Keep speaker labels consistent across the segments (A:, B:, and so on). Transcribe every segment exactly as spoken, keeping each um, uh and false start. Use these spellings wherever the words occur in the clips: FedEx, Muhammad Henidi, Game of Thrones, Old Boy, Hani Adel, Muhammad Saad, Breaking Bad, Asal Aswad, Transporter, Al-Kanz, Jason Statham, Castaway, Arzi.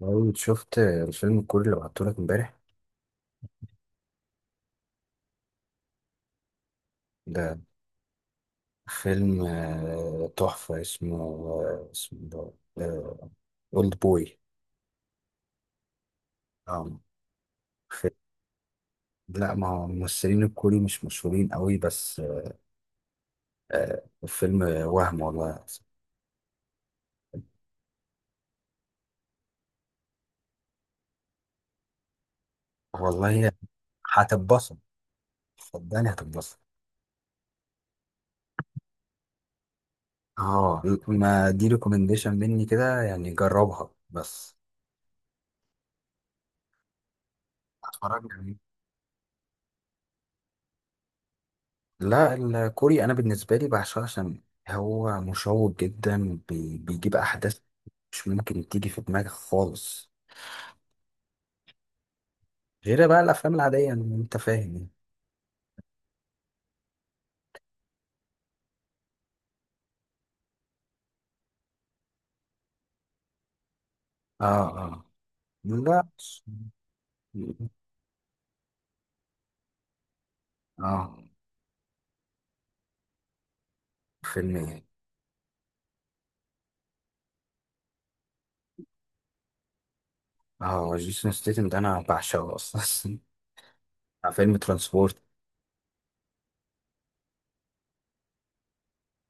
A: لو شفت الفيلم الكوري اللي بعتهولك امبارح، ده فيلم آه، تحفة. اسمه آه، اسمه أولد بوي. اه. في- لا، ما هو الممثلين الكوري مش مشهورين قوي بس. آه، الفيلم وهم والله. والله، هتتبسط. صدقني هتتبسط. اه، ما دي ريكومنديشن مني كده، يعني جربها بس. اتفرج. لا، الكوري انا بالنسبه لي بعشقه عشان هو مشوق جدا. بي- بيجيب احداث مش ممكن تيجي في دماغك خالص، غير بقى الافلام العاديه، يعني، انت فاهم يعني. اه، اه. لا. اه. فيلم ايه؟ اه، جيسون ستيتم ده انا بعشقه اصلا. فيلم ترانسبورت.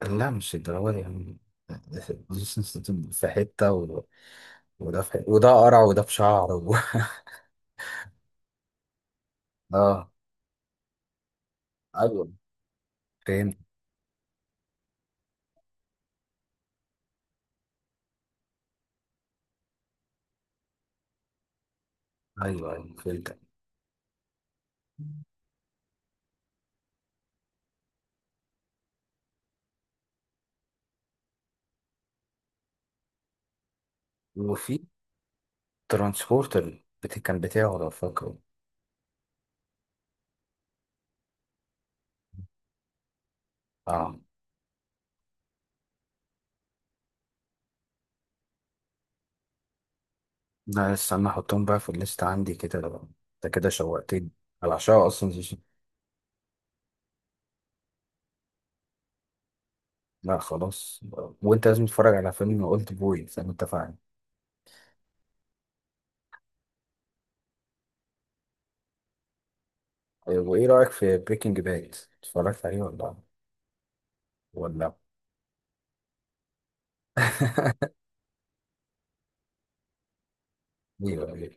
A: لا، مش الدراما دي يعني. جيسون ستيتم في حته و... وده في حتة. وده قرع، وده بشعر و... اه. ايوه فهمت. ايوه، ايوه فهمت. وفي ترانسبورتر، بت- كان بتاعه، لو فاكره. اه. لا، استنى احطهم بقى في الليست عندي كده، لو- انت كده شوقتني. انا بعشقها اصلا، زي- لا خلاص. وانت لازم تتفرج على فيلم اولد بوي زي ما اتفقنا. وايه رايك في بريكنج باد؟ اتفرجت عليه ولا ولا؟ ايوه، ايوه.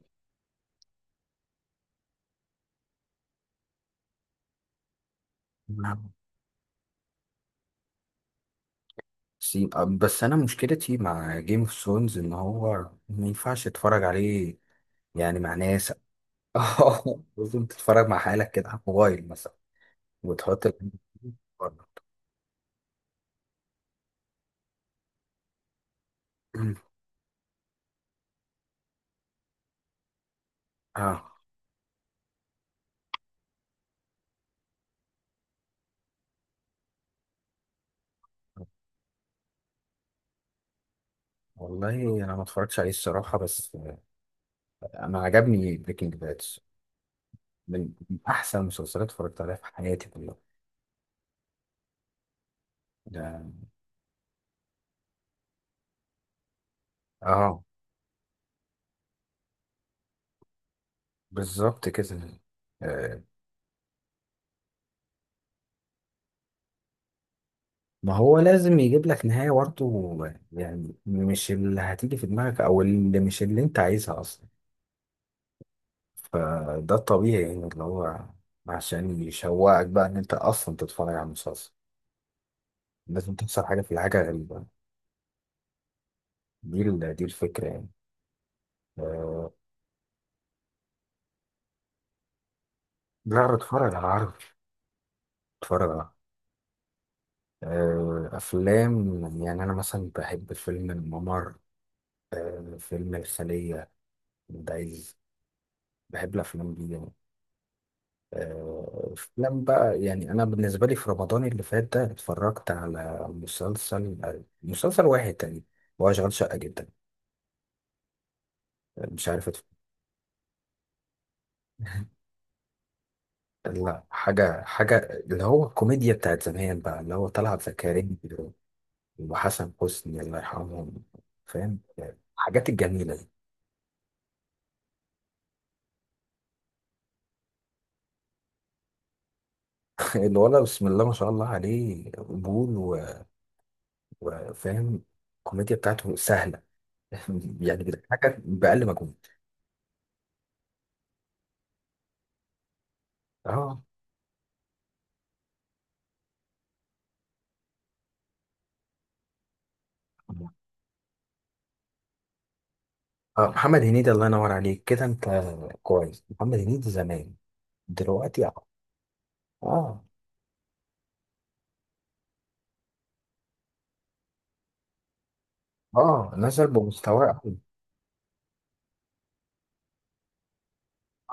A: نعم. سي- أه، بس انا مشكلتي مع جيم اوف ثرونز ان هو ما ينفعش اتفرج عليه، يعني مع ناس. لازم تتفرج مع حالك كده على الموبايل مثلا، وتحط ال- بره. اه. والله انا ما اتفرجتش عليه الصراحه، بس آه، انا عجبني بريكنج باد. من من احسن المسلسلات اتفرجت عليها في حياتي كلها. ده. اه. بالظبط كده. آه، ما هو لازم يجيب لك نهايه برضه، يعني مش اللي هتيجي في دماغك، او اللي مش اللي انت عايزها اصلا. فده الطبيعي، يعني اللي هو عشان يشوقك بقى ان انت اصلا تتفرج على المسلسل. لازم تحصل حاجه، في الحاجه غريبه. دي ال- دي الفكره يعني. آه، لا، بتفرج على عربي. بتفرج على آه، أفلام، يعني أنا مثلا بحب فيلم الممر، آه، فيلم الخلية، دايز. بحب الأفلام دي يعني. آه، أفلام بقى يعني. أنا بالنسبة لي في رمضان اللي فات ده اتفرجت على مسلسل آه، مسلسل واحد تاني. هو شغال شقة جدا. آه، مش عارف اتف- لا، حاجة حاجة، اللي هو الكوميديا بتاعت زمان بقى، اللي هو طلعت زكريا وحسن حسني، الله يرحمهم. فاهم؟ حاجات الجميلة دي. الولد بسم الله ما شاء الله عليه، قبول و- وفاهم. الكوميديا بتاعته سهله. يعني بيضحكك باقل مجهود. اه، اه. محمد هنيدي، الله ينور عليك كده، انت كويس. محمد هنيدي زمان. دلوقتي اه. اه. آه، نزل بمستواه.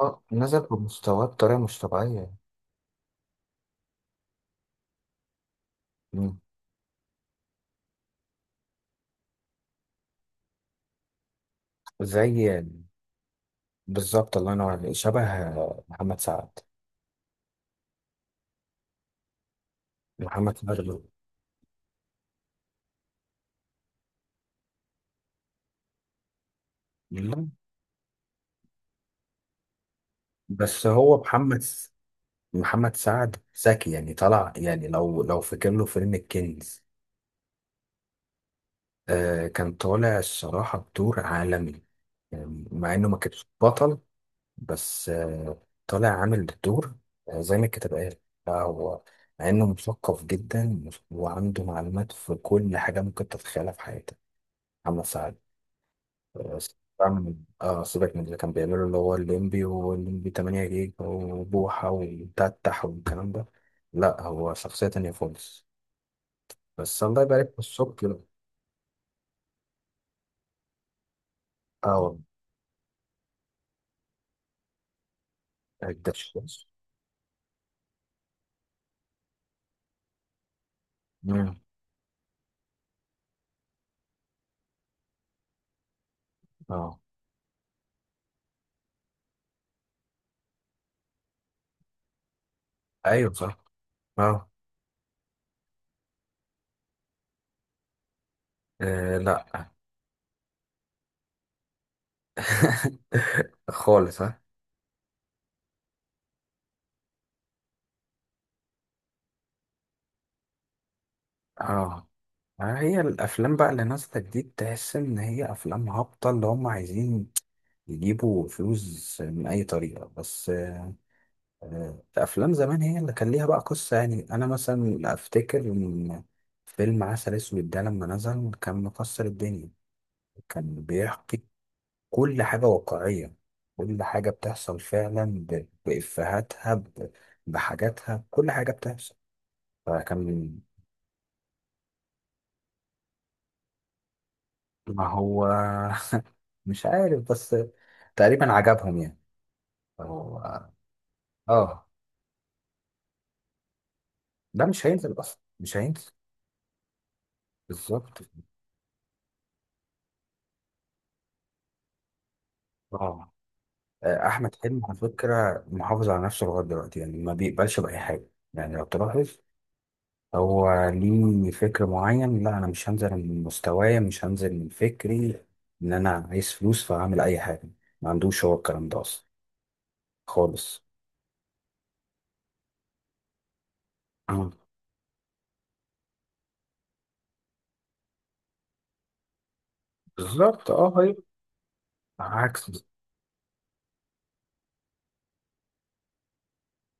A: اه، نزل بمستواه بطريقه مش طبيعيه. مم. زي. بالظبط، الله ينور عليك، شبه محمد سعد. محمد سعد. لا، بس هو محمد محمد سعد ذكي يعني، طلع يعني. لو لو فاكر له فيلم الكنز، آه، كان طالع الصراحة بدور عالمي، يعني مع إنه ما كانش بطل. بس آه طالع عامل الدور، آه زي ما الكتاب قال. لا هو، مع إنه مثقف جدا وعنده معلومات في كل حاجة ممكن تتخيلها في حياتك. محمد سعد. آه سيبك من- آه، سيبك من اللي كان بيعمله، اللي هو الليمبي والليمبي تمانية جيجا وبوحة وتتح والكلام ده. لا، هو شخصية تانية خالص. بس الله يبارك في السكر. اه. الدشاش. مم. اه. ايوه، صح. اه. آه، لا. خالص، ها. اه. آه، هي الافلام بقى اللي نازله جديد، تحس ان هي افلام هابطه، اللي هم عايزين يجيبوا فلوس من اي طريقه بس. آه، آه، افلام زمان هي اللي كان ليها بقى قصه. يعني انا مثلا افتكر ان فيلم عسل اسود ده لما نزل كان مكسر الدنيا. كان بيحكي كل حاجة واقعية، كل حاجة بتحصل فعلا، ب- بإفهاتها، ب- بحاجاتها، كل حاجة بتحصل. فكان. ما هو. مش عارف، بس تقريبا عجبهم يعني. فهو. اه. ده مش هينزل أصلا، مش هينزل. بالظبط. اه. أحمد حلمي على فكرة محافظ على نفسه لغاية دلوقتي، يعني ما بيقبلش بأي حاجة، يعني لو تلاحظ هو ليه فكر معين. لا، انا مش هنزل من مستوايا، مش هنزل من فكري. ان انا عايز فلوس فهعمل اي حاجه، ما عندوش هو الكلام ده اصلا خالص. آه، بالظبط. اه، هي. عكس.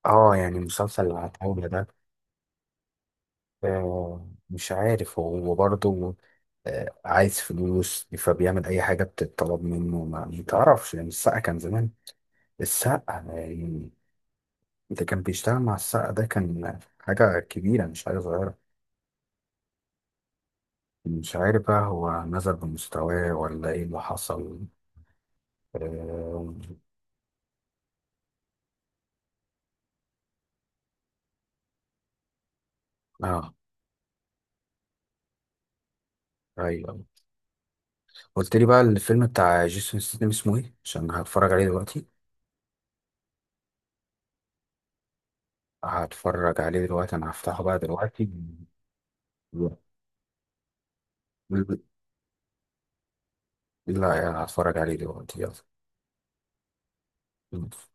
A: اه، يعني مسلسل العتاولة ده. آه مش عارف هو برضه آه عايز فلوس فبيعمل اي حاجه بتتطلب منه، ما ما تعرفش يعني. السقا كان زمان. السقا يعني، ده كان بيشتغل مع السقا، ده كان حاجه كبيره مش حاجه صغيره. مش عارف بقى هو نزل بمستواه ولا ايه اللي حصل. اه. آه. ايوه. قلت لي بقى الفيلم بتاع جيسون ستاثام اسمه ايه؟ عشان هتفرج عليه دلوقتي. هتفرج عليه دلوقتي، انا هفتحه بقى دلوقتي. لا. لا، هتفرج عليه دلوقتي. يلا.